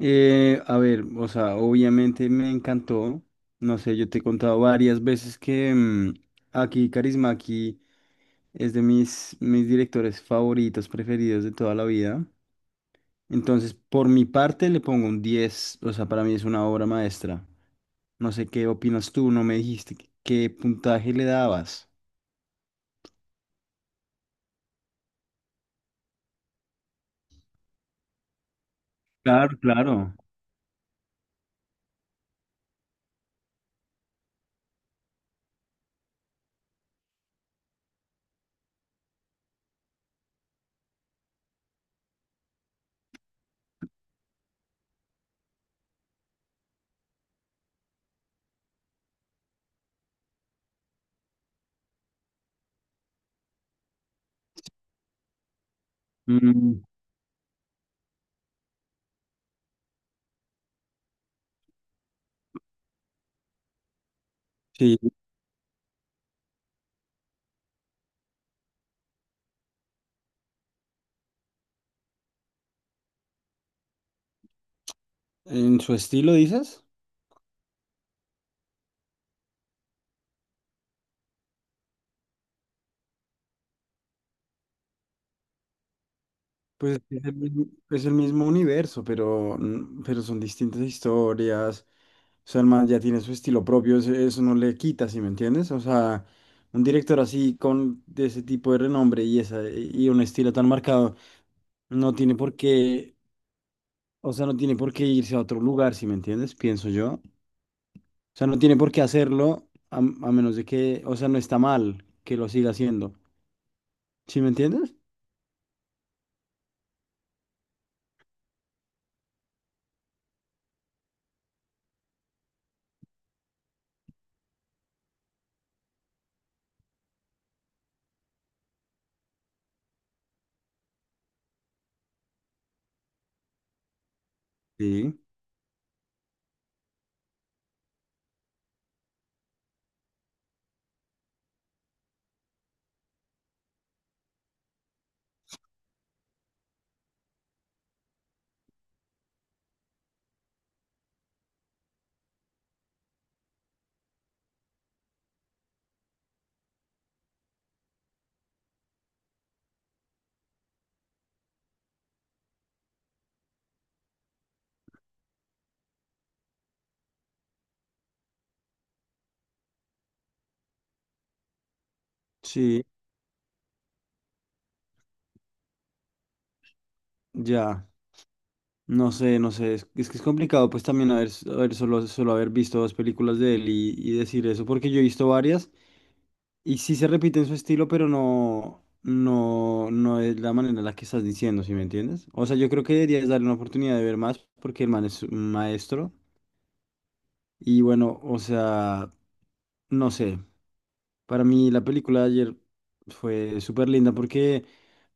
A ver, o sea, obviamente me encantó. No sé, yo te he contado varias veces que Aki Kaurismäki es de mis directores favoritos, preferidos de toda la vida. Entonces, por mi parte, le pongo un 10. O sea, para mí es una obra maestra. No sé qué opinas tú, no me dijiste qué puntaje le dabas. Claro, claro. Mm, sí, en su estilo, dices. Pues es el mismo universo, pero son distintas historias. O sea, el man ya tiene su estilo propio, eso no le quita, ¿sí me entiendes? O sea, un director así con de ese tipo de renombre y esa y un estilo tan marcado no tiene por qué, o sea, no tiene por qué irse a otro lugar, ¿sí me entiendes? Pienso yo. O sea, no tiene por qué hacerlo a menos de que, o sea, no está mal que lo siga haciendo. ¿Sí me entiendes? Sí, sí, ya. No sé, es que es complicado pues también haber solo haber visto dos películas de él y decir eso, porque yo he visto varias. Y sí se repite en su estilo, pero no es la manera en la que estás diciendo, ¿sí me entiendes? O sea, yo creo que deberías darle una oportunidad de ver más porque el man es un maestro. Y bueno, o sea, no sé. Para mí la película de ayer fue súper linda porque,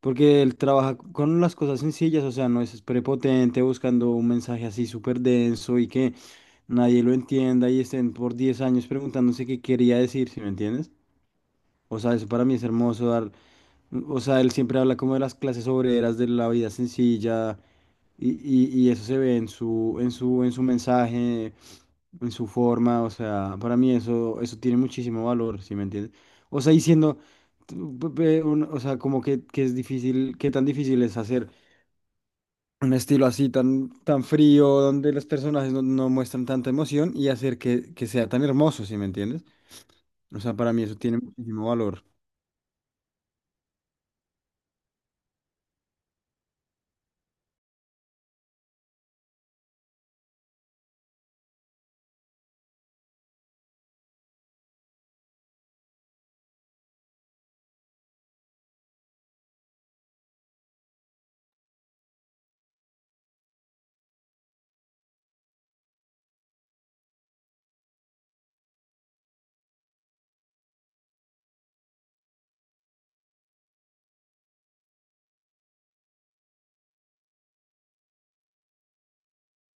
porque él trabaja con las cosas sencillas, o sea, no es prepotente buscando un mensaje así súper denso y que nadie lo entienda y estén por 10 años preguntándose qué quería decir, ¿sí me entiendes? O sea, eso para mí es hermoso dar o sea, él siempre habla como de las clases obreras, de la vida sencilla, y eso se ve en su, en su mensaje, en su forma, o sea, para mí eso, eso tiene muchísimo valor, ¿sí me entiendes? O sea, diciendo, o sea, como que es difícil, qué tan difícil es hacer un estilo así tan, tan frío, donde los personajes no muestran tanta emoción y hacer que sea tan hermoso, ¿sí me entiendes? O sea, para mí eso tiene muchísimo valor.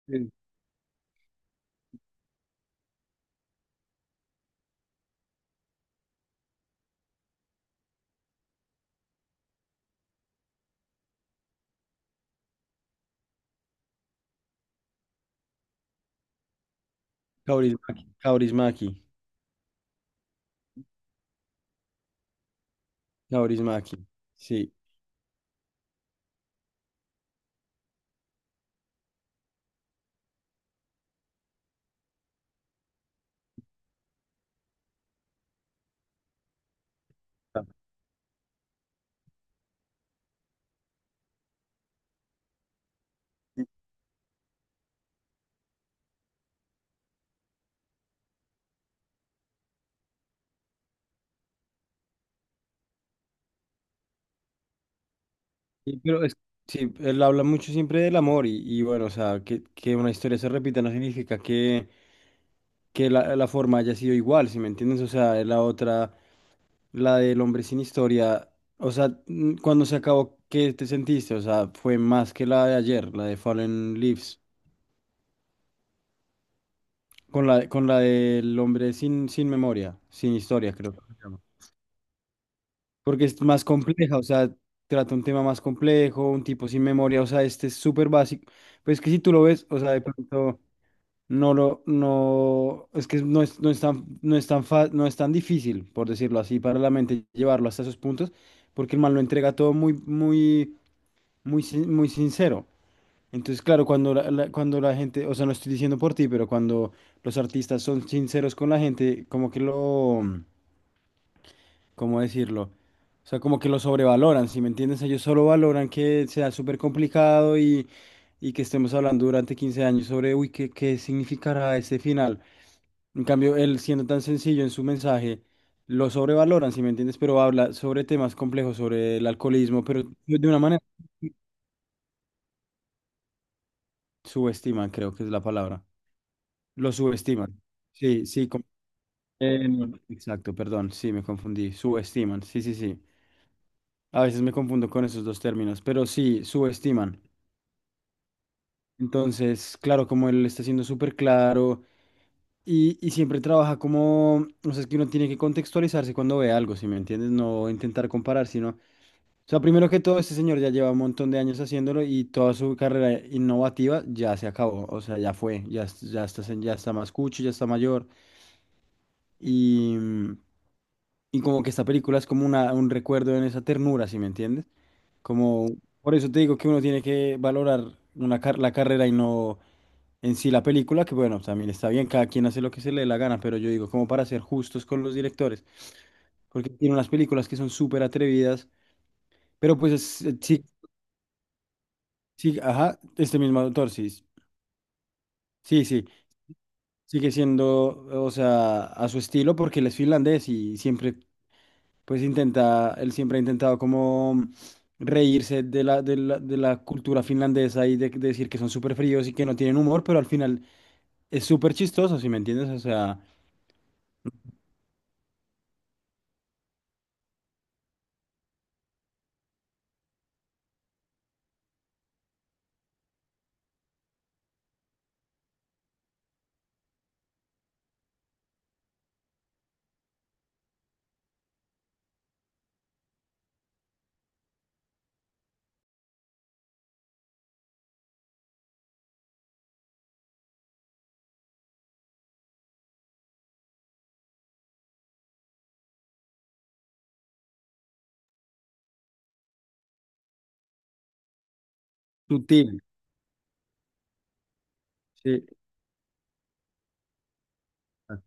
Sí. Kaurismäki, Kaurismäki. Kaurismäki, sí. Ah. Sí, pero sí, él habla mucho siempre del amor y bueno, o sea, que una historia se repita no significa que la forma haya sido igual, ¿si me entiendes? O sea, la otra, la del hombre sin historia, o sea, cuando se acabó, ¿qué te sentiste? O sea, fue más que la de ayer, la de Fallen Leaves, con la del hombre sin memoria, sin historia, creo que se llama, porque es más compleja, o sea, trata un tema más complejo, un tipo sin memoria, o sea, este es súper básico. Pues que si tú lo ves, o sea, de pronto no lo, no, es que no es tan difícil, por decirlo así, para la mente llevarlo hasta esos puntos, porque el man lo entrega todo muy, muy, muy, muy sincero. Entonces, claro, cuando cuando la gente, o sea, no estoy diciendo por ti, pero cuando los artistas son sinceros con la gente, como que lo, ¿cómo decirlo? O sea, como que lo sobrevaloran, ¿si me entiendes? Ellos solo valoran que sea súper complicado y que estemos hablando durante 15 años sobre, uy, ¿qué significará este final? En cambio, él siendo tan sencillo en su mensaje, lo sobrevaloran, ¿si me entiendes? Pero habla sobre temas complejos, sobre el alcoholismo, pero de una manera subestiman, creo que es la palabra. Lo subestiman. Sí, sí, no, exacto, perdón, sí, me confundí. Subestiman, sí, sí, sí. A veces me confundo con esos dos términos, pero sí, subestiman. Entonces, claro, como él está siendo súper claro y siempre trabaja como, o sea, es que uno tiene que contextualizarse cuando ve algo, ¿si me entiendes? No intentar comparar, sino, o sea, primero que todo, este señor ya lleva un montón de años haciéndolo y toda su carrera innovativa ya se acabó, o sea, ya fue, ya, ya está, ya está más cucho, ya está mayor y... Y como que esta película es como una, un recuerdo en esa ternura, ¿sí me entiendes? Como, por eso te digo que uno tiene que valorar una la carrera y no en sí la película, que bueno, también está bien, cada quien hace lo que se le dé la gana, pero yo digo, como para ser justos con los directores, porque tiene unas películas que son súper atrevidas, pero pues sí, sí, ajá, este mismo autor, sí, sí, sí, sigue siendo, o sea, a su estilo, porque él es finlandés y siempre pues intenta, él siempre ha intentado como reírse de la cultura finlandesa y de decir que son súper fríos y que no tienen humor, pero al final es súper chistoso, ¿si me entiendes? O sea, sutil, sí, ah,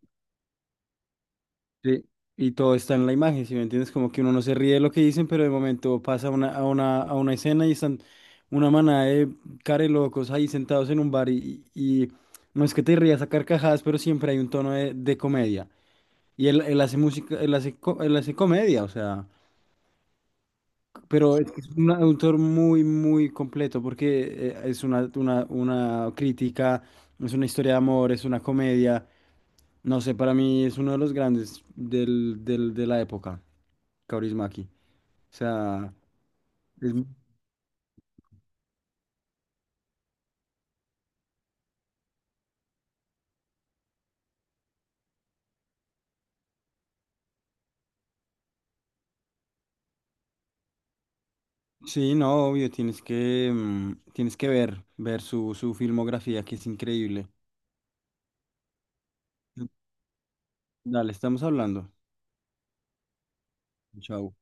sí. Y todo está en la imagen, ¿si me entiendes? Como que uno no se ríe de lo que dicen, pero de momento pasa a una escena y están una manada de locos ahí sentados en un bar y no es que te rías a carcajadas, pero siempre hay un tono de comedia. Y él hace música, él hace, él hace comedia, o sea. Pero es que es un autor muy, muy completo porque es una crítica, es una historia de amor, es una comedia. No sé, para mí es uno de los grandes de la época, Kaurismäki. O sea, es- sí, no, obvio, tienes que ver su filmografía que es increíble. Dale, estamos hablando. Chao.